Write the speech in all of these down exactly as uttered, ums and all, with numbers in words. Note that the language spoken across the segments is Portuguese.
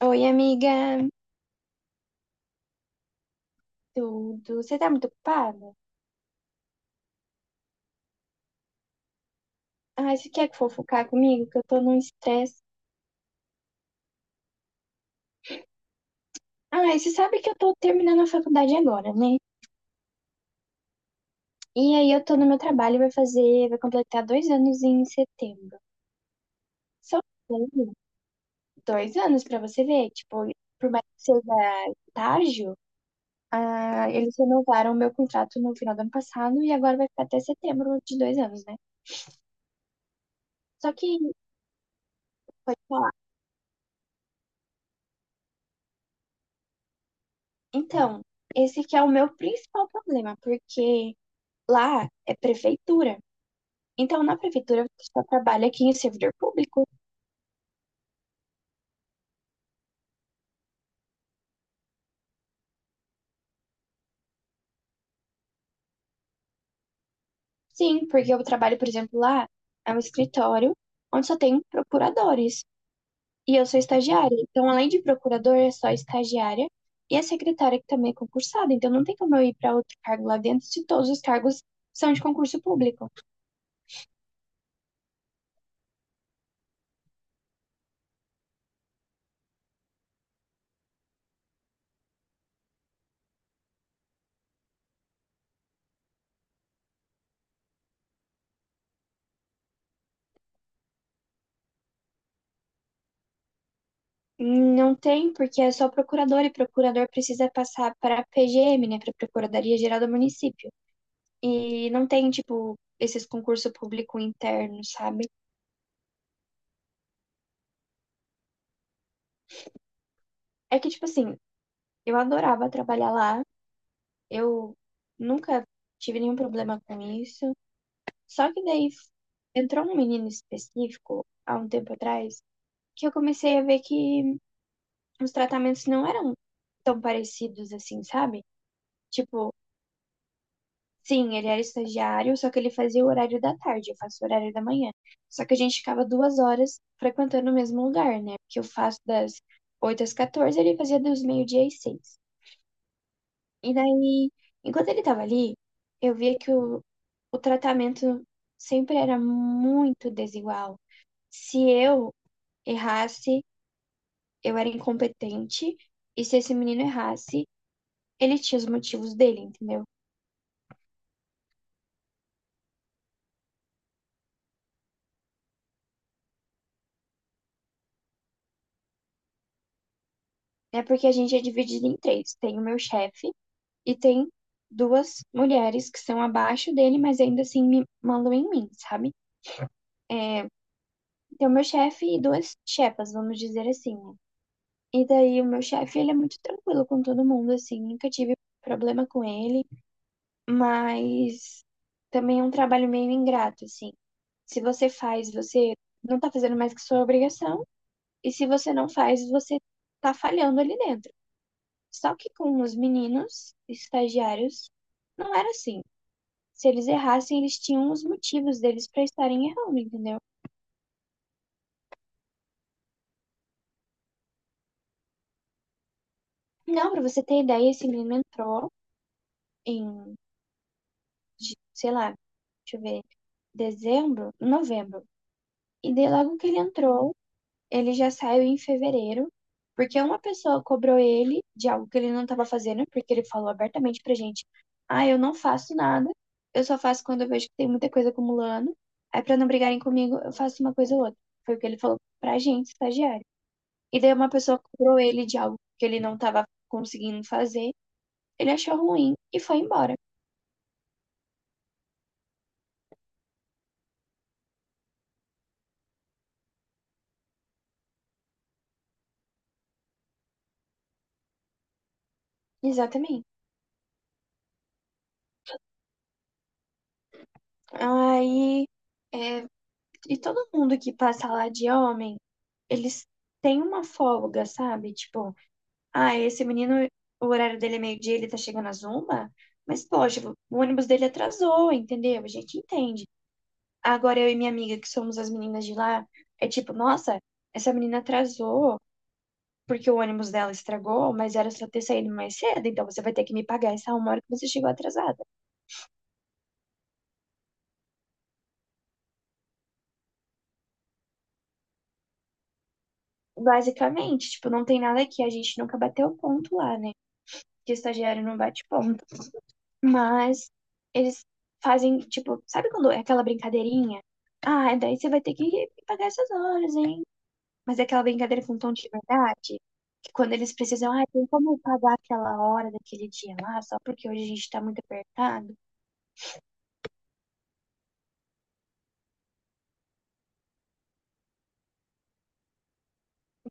Oi, amiga, tudo? Você tá muito ocupada? Ai, você quer fofocar comigo? Que eu tô num estresse. Ai, você sabe que eu tô terminando a faculdade agora, né? E aí eu tô no meu trabalho, vai fazer, vai completar dois anos em setembro. Só dois anos pra você ver, tipo, por mais que seja estágio, ah, eles renovaram o meu contrato no final do ano passado e agora vai ficar até setembro de dois anos, né? Só que, pode falar. Então, esse que é o meu principal problema, porque lá é prefeitura. Então, na prefeitura, você só trabalha aqui em servidor público. Sim, porque eu trabalho, por exemplo, lá é um escritório onde só tem procuradores. E eu sou estagiária. Então, além de procurador, é só estagiária. E a secretária que também é concursada. Então, não tem como eu ir para outro cargo lá dentro se todos os cargos são de concurso público. Não tem, porque é só procurador. E procurador precisa passar para a P G M, né? Para a Procuradoria Geral do Município. E não tem, tipo, esses concursos público internos, sabe? É que, tipo assim, eu adorava trabalhar lá, eu nunca tive nenhum problema com isso. Só que daí f- entrou um menino específico, há um tempo atrás, que eu comecei a ver que os tratamentos não eram tão parecidos assim, sabe? Tipo, sim, ele era estagiário, só que ele fazia o horário da tarde, eu faço o horário da manhã. Só que a gente ficava duas horas frequentando o mesmo lugar, né? Porque eu faço das oito às catorze, ele fazia dos meio-dia às seis. E daí, enquanto ele tava ali, eu via que o, o tratamento sempre era muito desigual. Se eu errasse, eu era incompetente, e se esse menino errasse, ele tinha os motivos dele, entendeu? É porque a gente é dividido em três. Tem o meu chefe, e tem duas mulheres que são abaixo dele, mas ainda assim me mandam em mim, sabe? Então, meu chefe e duas chepas, vamos dizer assim, né? E daí, o meu chefe, ele é muito tranquilo com todo mundo, assim, nunca tive problema com ele, mas também é um trabalho meio ingrato, assim. Se você faz, você não tá fazendo mais que sua obrigação, e se você não faz, você tá falhando ali dentro. Só que com os meninos estagiários, não era assim. Se eles errassem, eles tinham os motivos deles para estarem errando, entendeu? Não, para você ter ideia, esse menino entrou em, de- sei lá, deixa eu ver, dezembro, novembro. E daí logo que ele entrou, ele já saiu em fevereiro, porque uma pessoa cobrou ele de algo que ele não estava fazendo, porque ele falou abertamente pra gente: "Ah, eu não faço nada. Eu só faço quando eu vejo que tem muita coisa acumulando. Aí pra não brigarem comigo, eu faço uma coisa ou outra". Foi o que ele falou pra gente, estagiário. E daí uma pessoa cobrou ele de algo que ele não estava conseguindo fazer. Ele achou ruim e foi embora. Exatamente. Aí, é, e todo mundo que passa lá de homem, eles têm uma folga, sabe? Tipo, ah, esse menino, o horário dele é meio-dia, ele tá chegando às uma, mas poxa, o ônibus dele atrasou, entendeu? A gente entende. Agora eu e minha amiga, que somos as meninas de lá, é tipo, nossa, essa menina atrasou, porque o ônibus dela estragou, mas era só ter saído mais cedo, então você vai ter que me pagar essa uma hora que você chegou atrasada. Basicamente, tipo, não tem nada que a gente nunca bateu ponto lá, né? Que estagiário não bate ponto. Mas eles fazem, tipo, sabe quando é aquela brincadeirinha? Ah, daí você vai ter que me pagar essas horas, hein? Mas é aquela brincadeira com tom de verdade, que quando eles precisam, ah, tem como eu pagar aquela hora daquele dia lá, só porque hoje a gente tá muito apertado?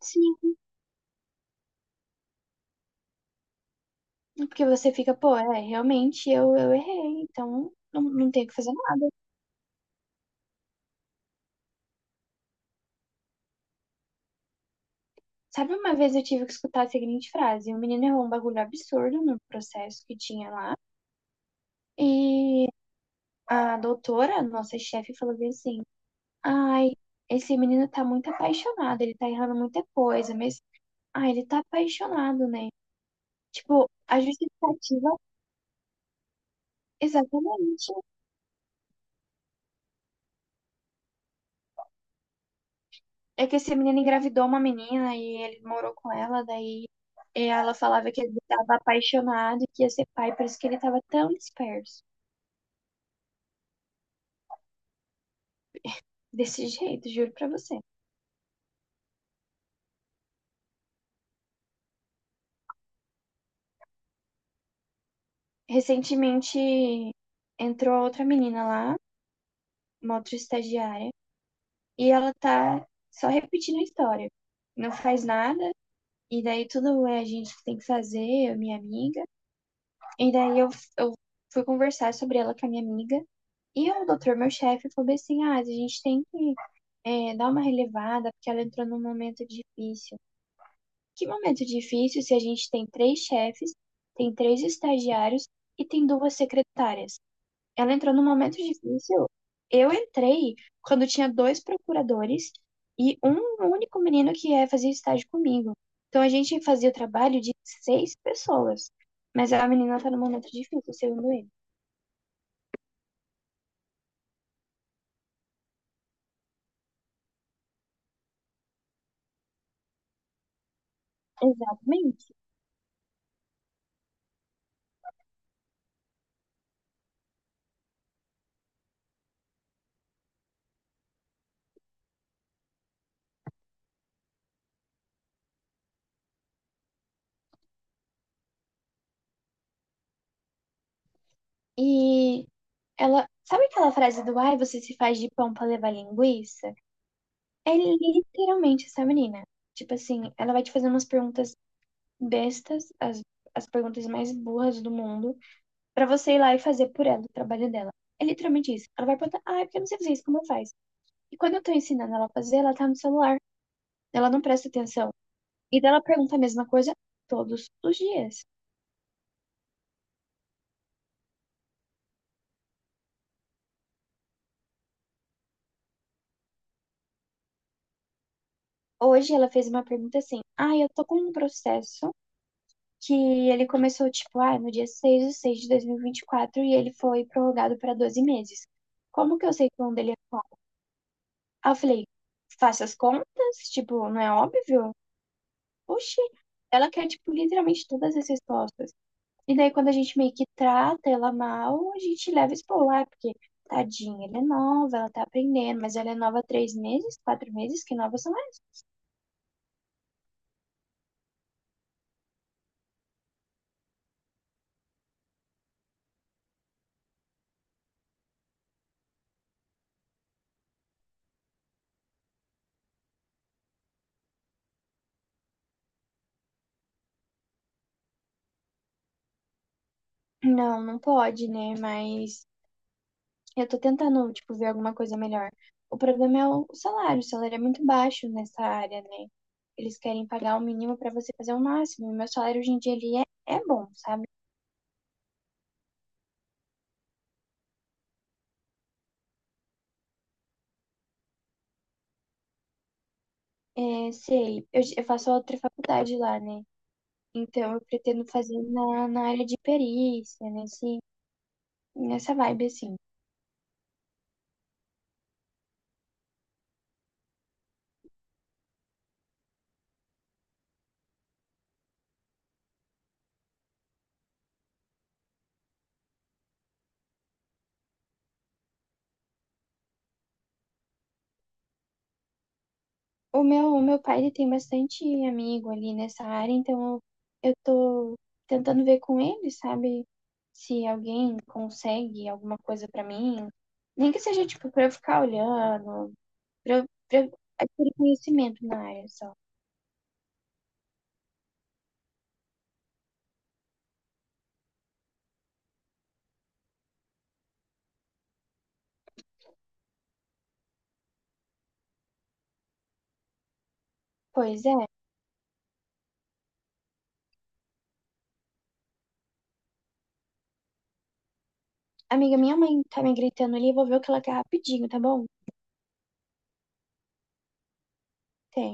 Sim, porque você fica, pô, é, realmente eu, eu errei, então não, não tenho que fazer nada. Sabe, uma vez eu tive que escutar a seguinte frase: o menino errou um bagulho absurdo no processo que tinha lá, e a doutora, nossa chefe, falou bem assim: ai, esse menino tá muito apaixonado, ele tá errando muita coisa, mas, ai, ele tá apaixonado, né? Tipo, a justificativa, exatamente. É que esse menino engravidou uma menina e ele morou com ela, daí ela falava que ele estava apaixonado e que ia ser pai, por isso que ele estava tão disperso. Desse jeito, juro pra você. Recentemente entrou outra menina lá, uma outra estagiária, e ela tá só repetindo a história. Não faz nada, e daí tudo é a gente que tem que fazer, eu, minha amiga. E daí eu, eu fui conversar sobre ela com a minha amiga. E o doutor, meu chefe, falou bem assim: ah, a gente tem que é, dar uma relevada, porque ela entrou num momento difícil. Que momento difícil se a gente tem três chefes, tem três estagiários e tem duas secretárias? Ela entrou num momento difícil. Eu entrei quando tinha dois procuradores e um único menino que ia fazer estágio comigo. Então a gente fazia o trabalho de seis pessoas. Mas a menina tá num momento difícil, segundo ele. Exatamente. E ela. Sabe aquela frase do ai, você se faz de pão pra levar linguiça? É literalmente essa menina. Tipo assim, ela vai te fazer umas perguntas bestas, as, as perguntas mais burras do mundo pra você ir lá e fazer por ela o trabalho dela. É literalmente isso. Ela vai perguntar, ah, é porque eu não sei fazer isso, como faz? E quando eu tô ensinando ela a fazer, ela tá no celular, ela não presta atenção. E daí ela pergunta a mesma coisa todos os dias. Hoje ela fez uma pergunta assim, ah, eu tô com um processo que ele começou, tipo, ah, no dia seis de seis de dois mil e vinte e e quatro e ele foi prorrogado para doze meses. Como que eu sei quando ele é qual? Aí eu falei, faça as contas, tipo, não é óbvio? Oxi, ela quer, tipo, literalmente todas as respostas. E daí, quando a gente meio que trata ela mal, a gente leva isso pro lar, porque tadinha, ela é nova, ela tá aprendendo, mas ela é nova há três meses, quatro meses, que nova são elas? Não, não pode, né? Mas eu tô tentando, tipo, ver alguma coisa melhor. O problema é o salário, o salário é muito baixo nessa área, né? Eles querem pagar o mínimo pra você fazer o máximo. E meu salário hoje em dia ele é, é bom, sabe? É, sei, eu, eu faço outra faculdade lá, né? Então eu pretendo fazer na, na área de perícia, nesse nessa vibe, assim. O meu, o meu pai, ele tem bastante amigo ali nessa área, então eu eu tô tentando ver com ele, sabe? Se alguém consegue alguma coisa pra mim. Nem que seja, tipo, pra eu ficar olhando, pra, eu- pra eu adquirir conhecimento na área só. Pois é. Amiga, minha mãe tá me gritando ali, eu vou ver o que ela quer rapidinho, tá bom? Até.